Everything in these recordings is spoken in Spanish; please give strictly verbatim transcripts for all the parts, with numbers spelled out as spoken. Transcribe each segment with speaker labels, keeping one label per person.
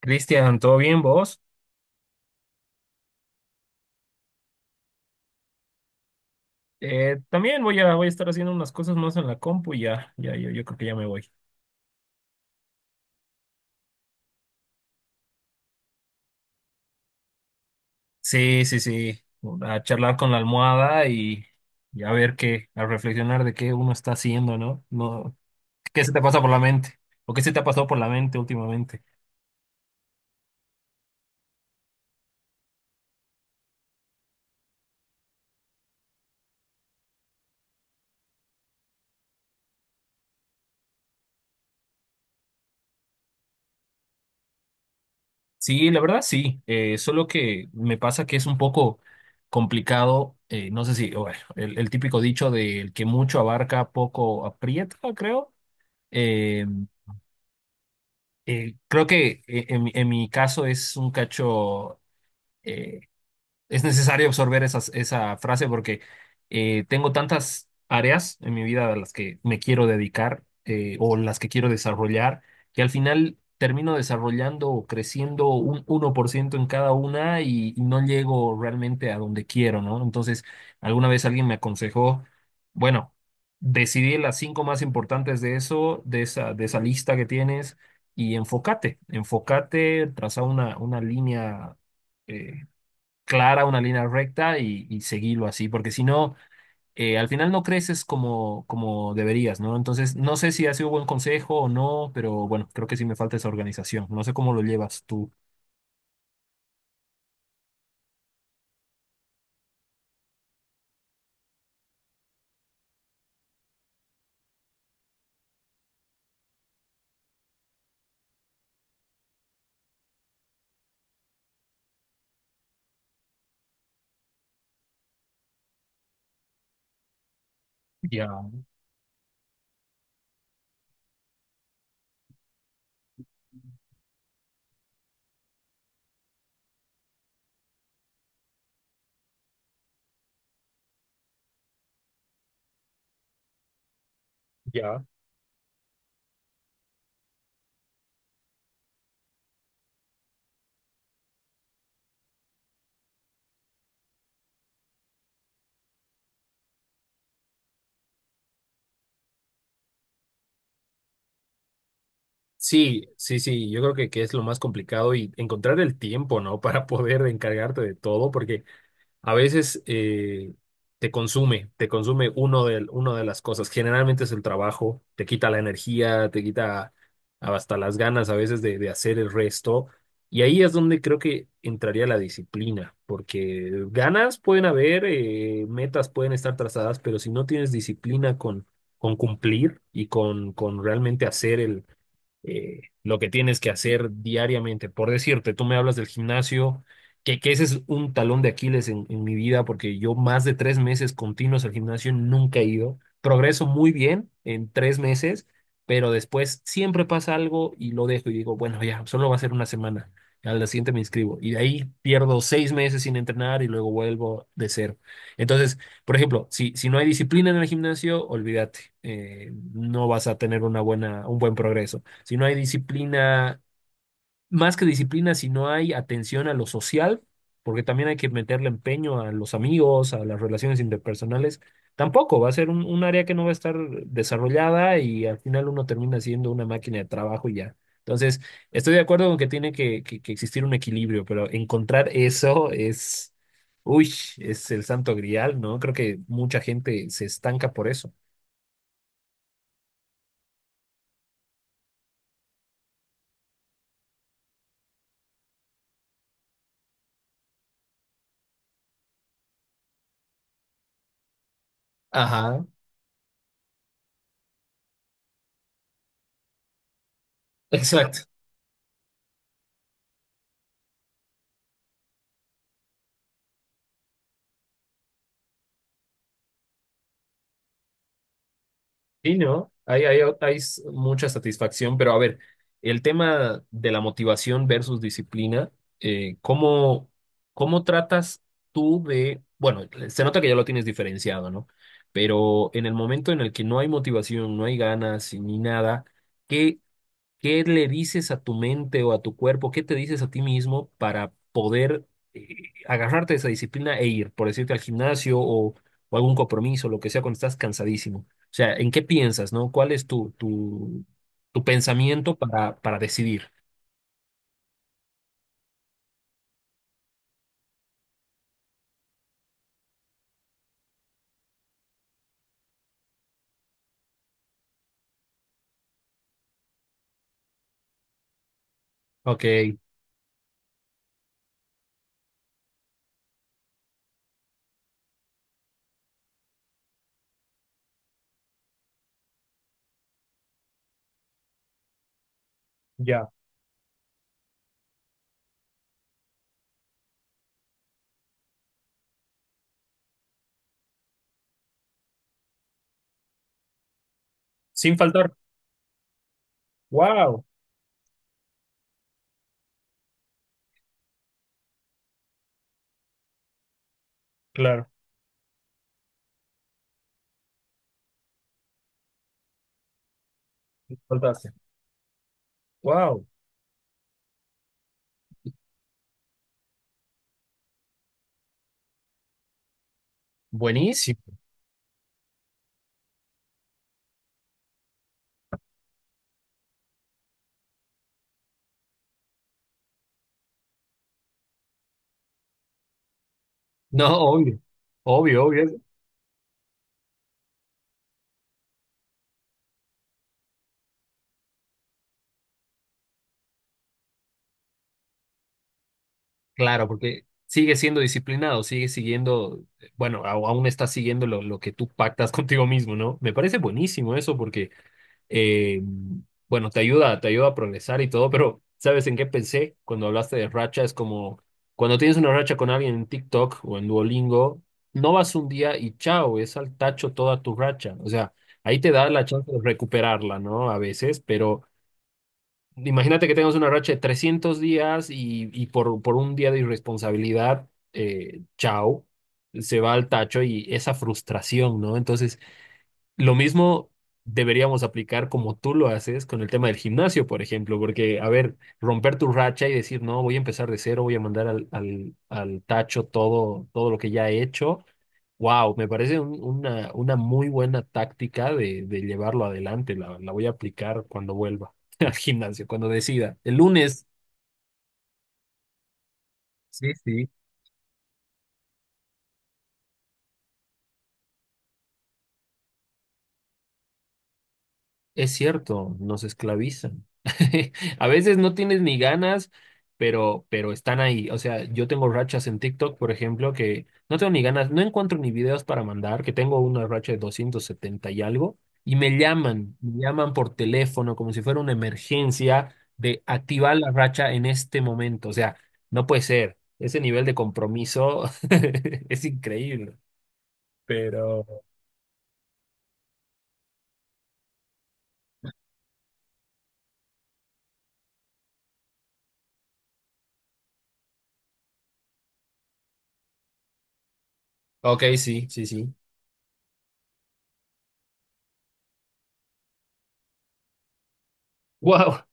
Speaker 1: Cristian, ¿todo bien vos? Eh, también voy a, voy a estar haciendo unas cosas más en la compu y ya, ya, yo, yo creo que ya me voy. Sí, sí, sí, a charlar con la almohada y, y a ver qué, a reflexionar de qué uno está haciendo, ¿no? No, ¿qué se te pasa por la mente? ¿O qué se te ha pasado por la mente últimamente? Sí, la verdad sí, eh, solo que me pasa que es un poco complicado, eh, no sé si, bueno, el, el típico dicho del que mucho abarca, poco aprieta, creo. eh, Eh, creo que eh, en, mi en mi caso es un cacho eh, es necesario absorber esas- esa frase porque eh, tengo tantas áreas en mi vida a las que me quiero dedicar, eh, o las que quiero desarrollar, que al final termino desarrollando o creciendo un uno por ciento en cada una y, y no llego realmente a donde quiero, ¿no? Entonces, alguna vez alguien me aconsejó, bueno, decidí las cinco más importantes de eso, de esa, de esa lista que tienes. Y enfócate, enfócate, traza una, una línea eh, clara, una línea recta y, y seguirlo así, porque si no, eh, al final no creces como, como deberías, ¿no? Entonces, no sé si ha sido buen consejo o no, pero bueno, creo que sí me falta esa organización. No sé cómo lo llevas tú. Ya, ya. Sí, sí, sí, yo creo que, que es lo más complicado y encontrar el tiempo, ¿no? Para poder encargarte de todo, porque a veces eh, te consume, te consume uno de, uno de las cosas. Generalmente es el trabajo, te quita la energía, te quita hasta las ganas a veces de, de hacer el resto. Y ahí es donde creo que entraría la disciplina, porque ganas pueden haber, eh, metas pueden estar trazadas, pero si no tienes disciplina con, con cumplir y con, con realmente hacer eh, lo que tienes que hacer diariamente. Por decirte, tú me hablas del gimnasio, que, que ese es un talón de Aquiles en, en mi vida, porque yo más de tres meses continuos al gimnasio nunca he ido. Progreso muy bien en tres meses, pero después siempre pasa algo y lo dejo y digo, bueno, ya, solo va a ser una semana. Al día siguiente me inscribo y de ahí pierdo seis meses sin entrenar y luego vuelvo de cero. Entonces, por ejemplo, si, si no hay disciplina en el gimnasio, olvídate, eh, no vas a tener una buena, un buen progreso si no hay disciplina, más que disciplina, si no hay atención a lo social, porque también hay que meterle empeño a los amigos, a las relaciones interpersonales, tampoco va a ser un, un área que no va a estar desarrollada y al final uno termina siendo una máquina de trabajo y ya. Entonces, estoy de acuerdo con que tiene que, que- que existir un equilibrio, pero encontrar eso es, uy, es el santo grial, ¿no? Creo que mucha gente se estanca por eso. Ajá, exacto. Sí, ¿no? Hay, hay, hay s- mucha satisfacción, pero a ver, el tema de la motivación versus disciplina, eh, ¿cómo, cómo tratas tú de, bueno, se nota que ya lo tienes diferenciado, ¿no? Pero en el momento en el que no hay motivación, no hay ganas y ni nada, ¿qué le dices a tu mente o a tu cuerpo? ¿Qué te dices a ti mismo para poder, eh, agarrarte de esa disciplina e ir, por decirte, al gimnasio o, o algún compromiso, lo que sea, cuando estás cansadísimo? O sea, ¿en qué piensas, no? ¿Cuál es tu, tu, tu pensamiento para, para decidir? Ok, ya. Sin faltar. Wow, claro, faltaste. Wow, buenísimo. No, obvio, obvio, obvio. Claro, porque sigue siendo disciplinado, sigue siguiendo, bueno, au- aún está siguiendo lo, lo que tú pactas contigo mismo, ¿no? Me parece buenísimo eso porque, eh, bueno, te ayuda, te ayuda a progresar y todo, pero ¿sabes en qué pensé cuando hablaste de racha? Es como cuando tienes una racha con alguien en TikTok o en Duolingo, no vas un día y chao, es al tacho toda tu racha. O sea, ahí te da la chance de recuperarla, ¿no? A veces, pero... Imagínate que tengas una racha de trescientos días y, y por, por un día de irresponsabilidad, eh, chao, se va al tacho y esa frustración, ¿no? Entonces, lo mismo deberíamos aplicar como tú lo haces con el tema del gimnasio, por ejemplo, porque, a ver, romper tu racha y decir, no, voy a empezar de cero, voy a mandar al, al, al tacho todo, todo lo que ya he hecho. Wow, me parece un- una, una muy buena táctica de, de llevarlo adelante. La, la voy a aplicar cuando vuelva al gimnasio, cuando decida. El lunes. Sí, sí. Es cierto, nos esclavizan. A veces no tienes ni ganas, pero, pero están ahí. O sea, yo tengo rachas en TikTok, por ejemplo, que no tengo ni ganas, no encuentro ni videos para mandar, que tengo una racha de doscientos setenta y algo, y me llaman, me llaman por teléfono como si fuera una emergencia de activar la racha en este momento. O sea, no puede ser. Ese nivel de compromiso es increíble. Pero, ok, sí, sí, sí. Wow,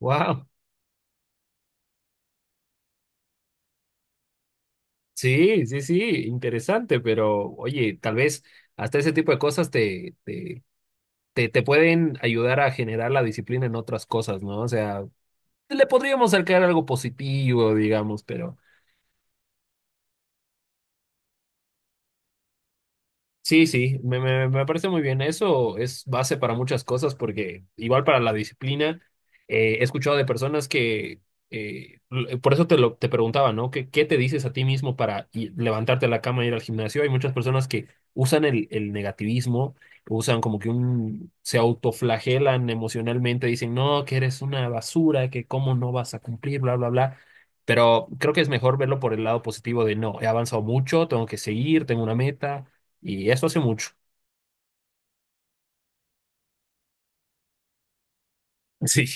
Speaker 1: wow. Sí, sí, sí, interesante, pero oye, tal vez hasta ese tipo de cosas te, te, te, te pueden ayudar a generar la disciplina en otras cosas, ¿no? O sea, le podríamos sacar algo positivo, digamos, pero... Sí, sí, me, me, me parece muy bien. Eso es base para muchas cosas porque igual para la disciplina, eh, he escuchado de personas que, eh, l- por eso te lo, te preguntaba, ¿no? ¿Qué, qué te dices a ti mismo para i- levantarte de la cama y ir al gimnasio? Hay muchas personas que usan el, el negativismo, usan como que un, se autoflagelan emocionalmente, dicen, no, que eres una basura, que cómo no vas a cumplir, bla, bla, bla. Pero creo que es mejor verlo por el lado positivo de, no, he avanzado mucho, tengo que seguir, tengo una meta y eso hace mucho. Sí.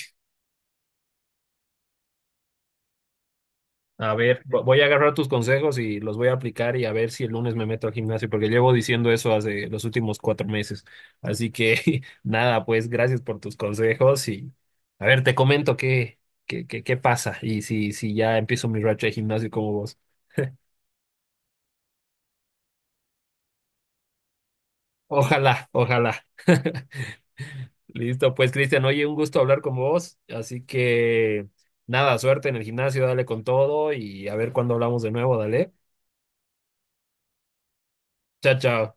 Speaker 1: A ver, vo- voy a agarrar tus consejos y los voy a aplicar y a ver si el lunes me meto al gimnasio, porque llevo diciendo eso hace los últimos cuatro meses. Así que nada, pues gracias por tus consejos y a ver, te comento qué, qué, qué, qué pasa y si, si ya empiezo mi racha de gimnasio como vos. Ojalá, ojalá. Listo, pues Cristian, oye, un gusto hablar con vos. Así que nada, suerte en el gimnasio, dale con todo y a ver cuándo hablamos de nuevo, dale. Chao, chao.